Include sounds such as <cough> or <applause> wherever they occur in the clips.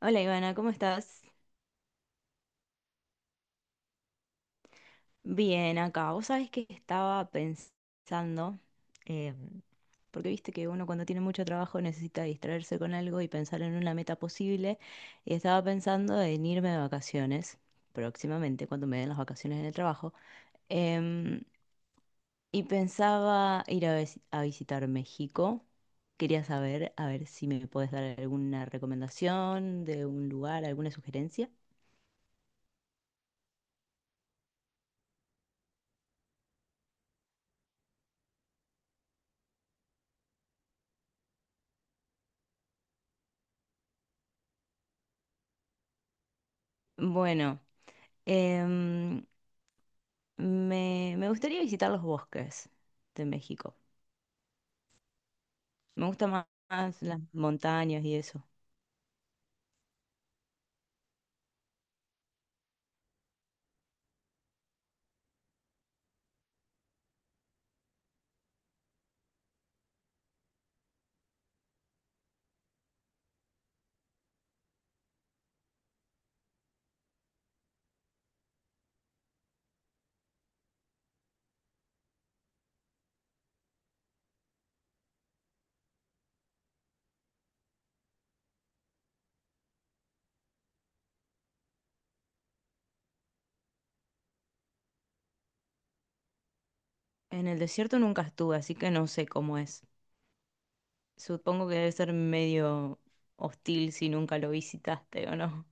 Hola Ivana, ¿cómo estás? Bien, acá. Vos sabés que estaba pensando, eh, porque viste que uno cuando tiene mucho trabajo necesita distraerse con algo y pensar en una meta posible, y estaba pensando en irme de vacaciones próximamente, cuando me den las vacaciones en el trabajo, em, y pensaba ir a visitar México. Quería saber, a ver si me puedes dar alguna recomendación de un lugar, alguna sugerencia. Bueno. Em, me gustaría visitar los bosques de México. Me gustan más las montañas y eso. En el desierto nunca estuve, así que no sé cómo es. Supongo que debe ser medio hostil si nunca lo visitaste o no.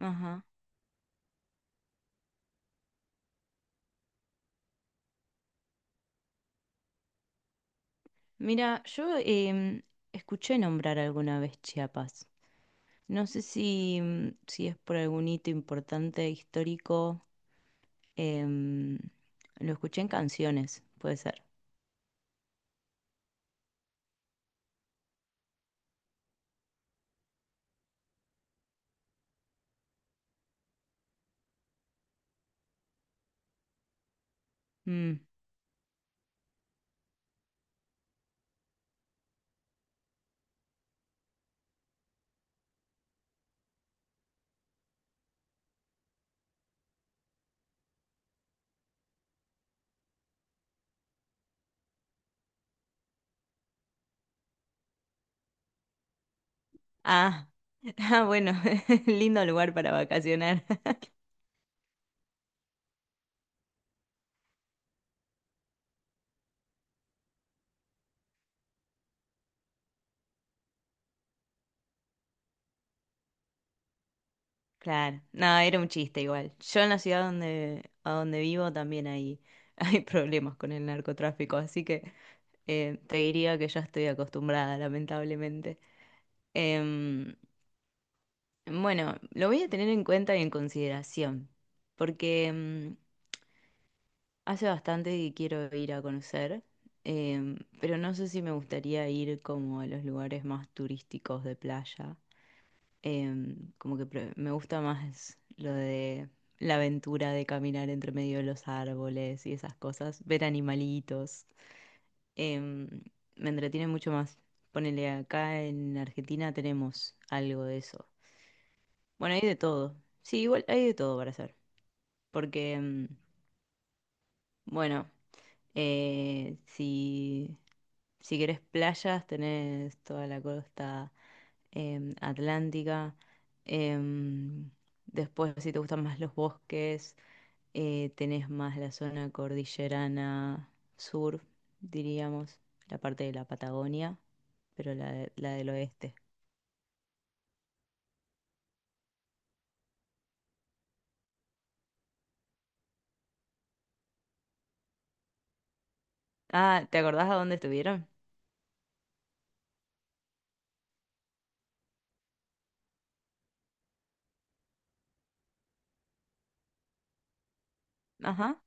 Ajá. Mira, yo escuché nombrar alguna vez Chiapas. No sé si, si es por algún hito importante histórico. em, lo escuché en canciones, puede ser. Mm. Ah, <laughs> ah, bueno, <laughs> lindo lugar para vacacionar. <laughs> Claro, no, era un chiste igual. Yo en la ciudad a donde vivo también hay, <laughs> hay problemas con el narcotráfico, así que te diría que ya estoy acostumbrada, lamentablemente. Em, bueno, lo voy a tener en cuenta y en consideración, porque hace bastante que quiero ir a conocer, pero no sé si me gustaría ir como a los lugares más turísticos de playa. Me gusta más lo de la aventura de caminar entre medio de los árboles y esas cosas, ver animalitos. Em, Me entretiene mucho más. Ponele acá en Argentina tenemos algo de eso. Bueno, hay de todo. Sí, igual hay de todo para hacer. Porque, bueno, eh, si, si querés playas, tenés toda la costa atlántica. Em, Después, si te gustan más los bosques. Tenés más la zona cordillerana sur, diríamos, la parte de la Patagonia, pero la del oeste. Ah, ¿te acordás a dónde estuvieron? Ajá.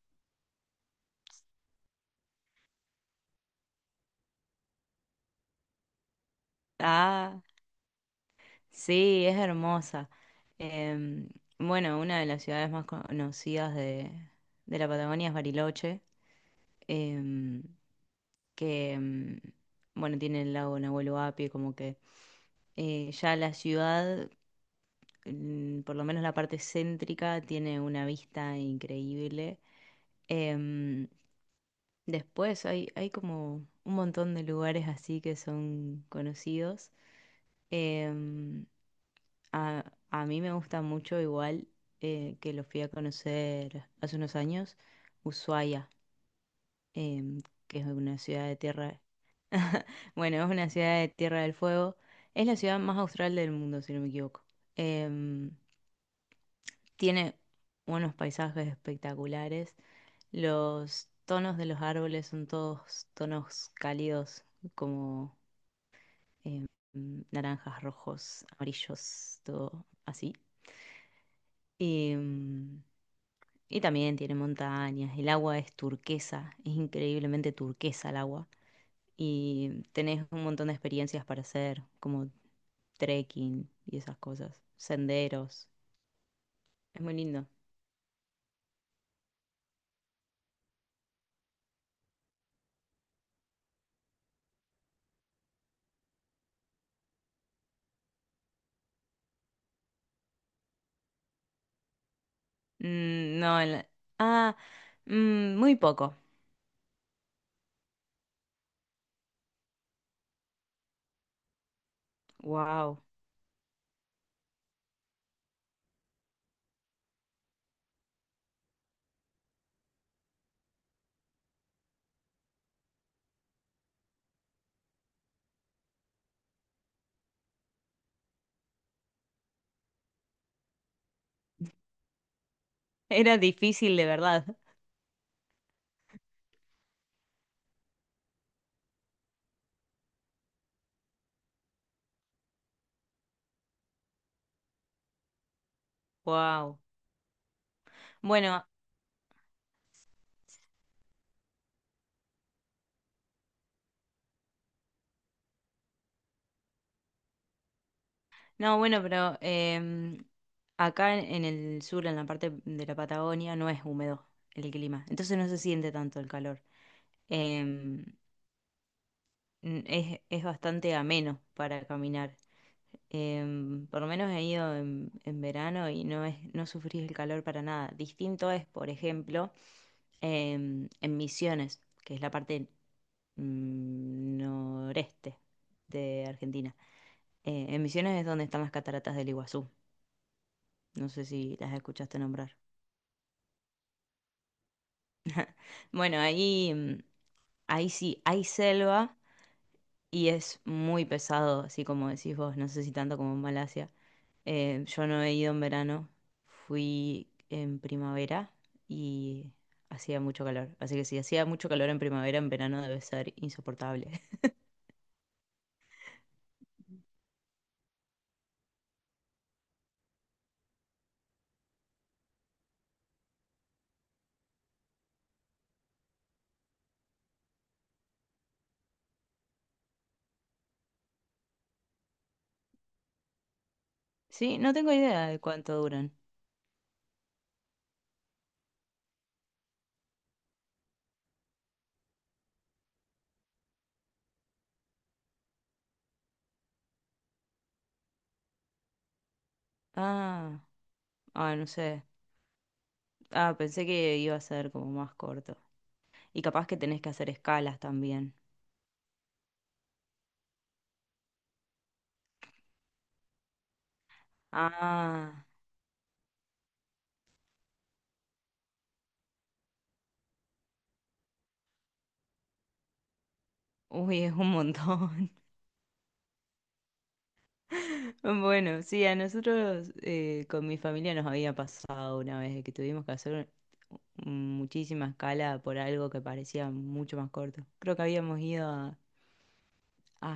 Ah, sí, es hermosa. Em, bueno, una de las ciudades más conocidas de la Patagonia es Bariloche, em, que, em, bueno, tiene el lago Nahuel Huapi, como que ya la ciudad por lo menos la parte céntrica tiene una vista increíble. Em, Después hay como un montón de lugares así que son conocidos. Em, a, a mí me gusta mucho igual que lo fui a conocer hace unos años, Ushuaia, em, que es una ciudad de tierra, bueno, es una ciudad de Tierra del Fuego, es la ciudad más austral del mundo, si no me equivoco. Em, Tiene unos paisajes espectaculares. Los tonos de los árboles son todos tonos cálidos, como em, naranjas, rojos, amarillos, todo así. Em, y también tiene montañas. El agua es turquesa, es increíblemente turquesa el agua. Y tenés un montón de experiencias para hacer, como trekking y esas cosas, senderos. Es muy lindo. Mm, no, en la- ah, mm, muy poco. Wow, era difícil de verdad. Wow. Bueno, no, bueno, pero acá en el sur, en la parte de la Patagonia, no es húmedo el clima, entonces no se siente tanto el calor. Em, es bastante ameno para caminar. Por lo menos he ido en verano y no es, no sufrís el calor para nada. Distinto es, por ejemplo, en Misiones, que es la parte noreste de Argentina. En Misiones es donde están las cataratas del Iguazú. No sé si las escuchaste nombrar. Bueno, ahí, mm, Ahí sí, hay selva y es muy pesado, así como decís vos, no sé si tanto como en Malasia. Yo no he ido en verano, fui en primavera y hacía mucho calor. Así que si hacía mucho calor en primavera, en verano debe ser insoportable. <laughs> Sí, no tengo idea de cuánto duran. Ah, ah, no sé. Ah, pensé que iba a ser como más corto. Y capaz que tenés que hacer escalas también. Ah, uy, es un montón. <laughs> Bueno, sí, a nosotros con mi familia nos había pasado una vez de que tuvimos que hacer muchísima escala por algo que parecía mucho más corto. Creo que habíamos ido a,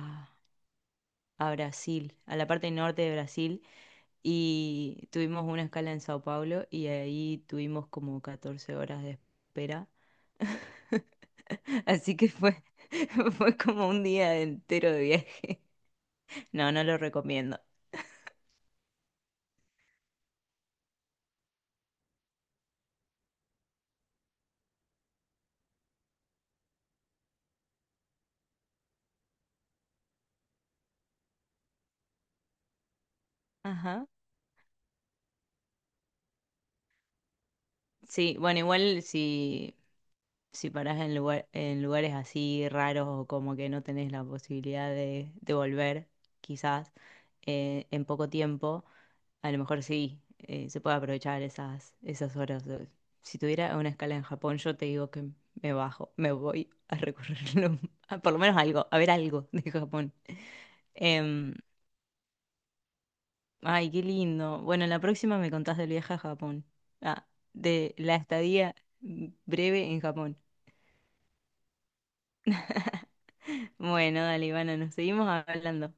a Brasil, a la parte norte de Brasil, y tuvimos una escala en Sao Paulo y ahí tuvimos como 14 horas de espera. <laughs> Así que <laughs> fue como un día entero de viaje. No, no lo recomiendo. Ajá. Sí, bueno, igual si, si parás en en lugares así raros o como que no tenés la posibilidad de volver, quizás, en poco tiempo, a lo mejor sí, se puede aprovechar esas horas. Si tuviera una escala en Japón, yo te digo que me bajo, me voy a recorrerlo, <laughs> a por lo menos algo, a ver algo de Japón. Em, Ay, qué lindo. Bueno, en la próxima me contás del viaje a Japón. Ah, de la estadía breve en Japón. Bueno, dale, Ivana, nos seguimos hablando.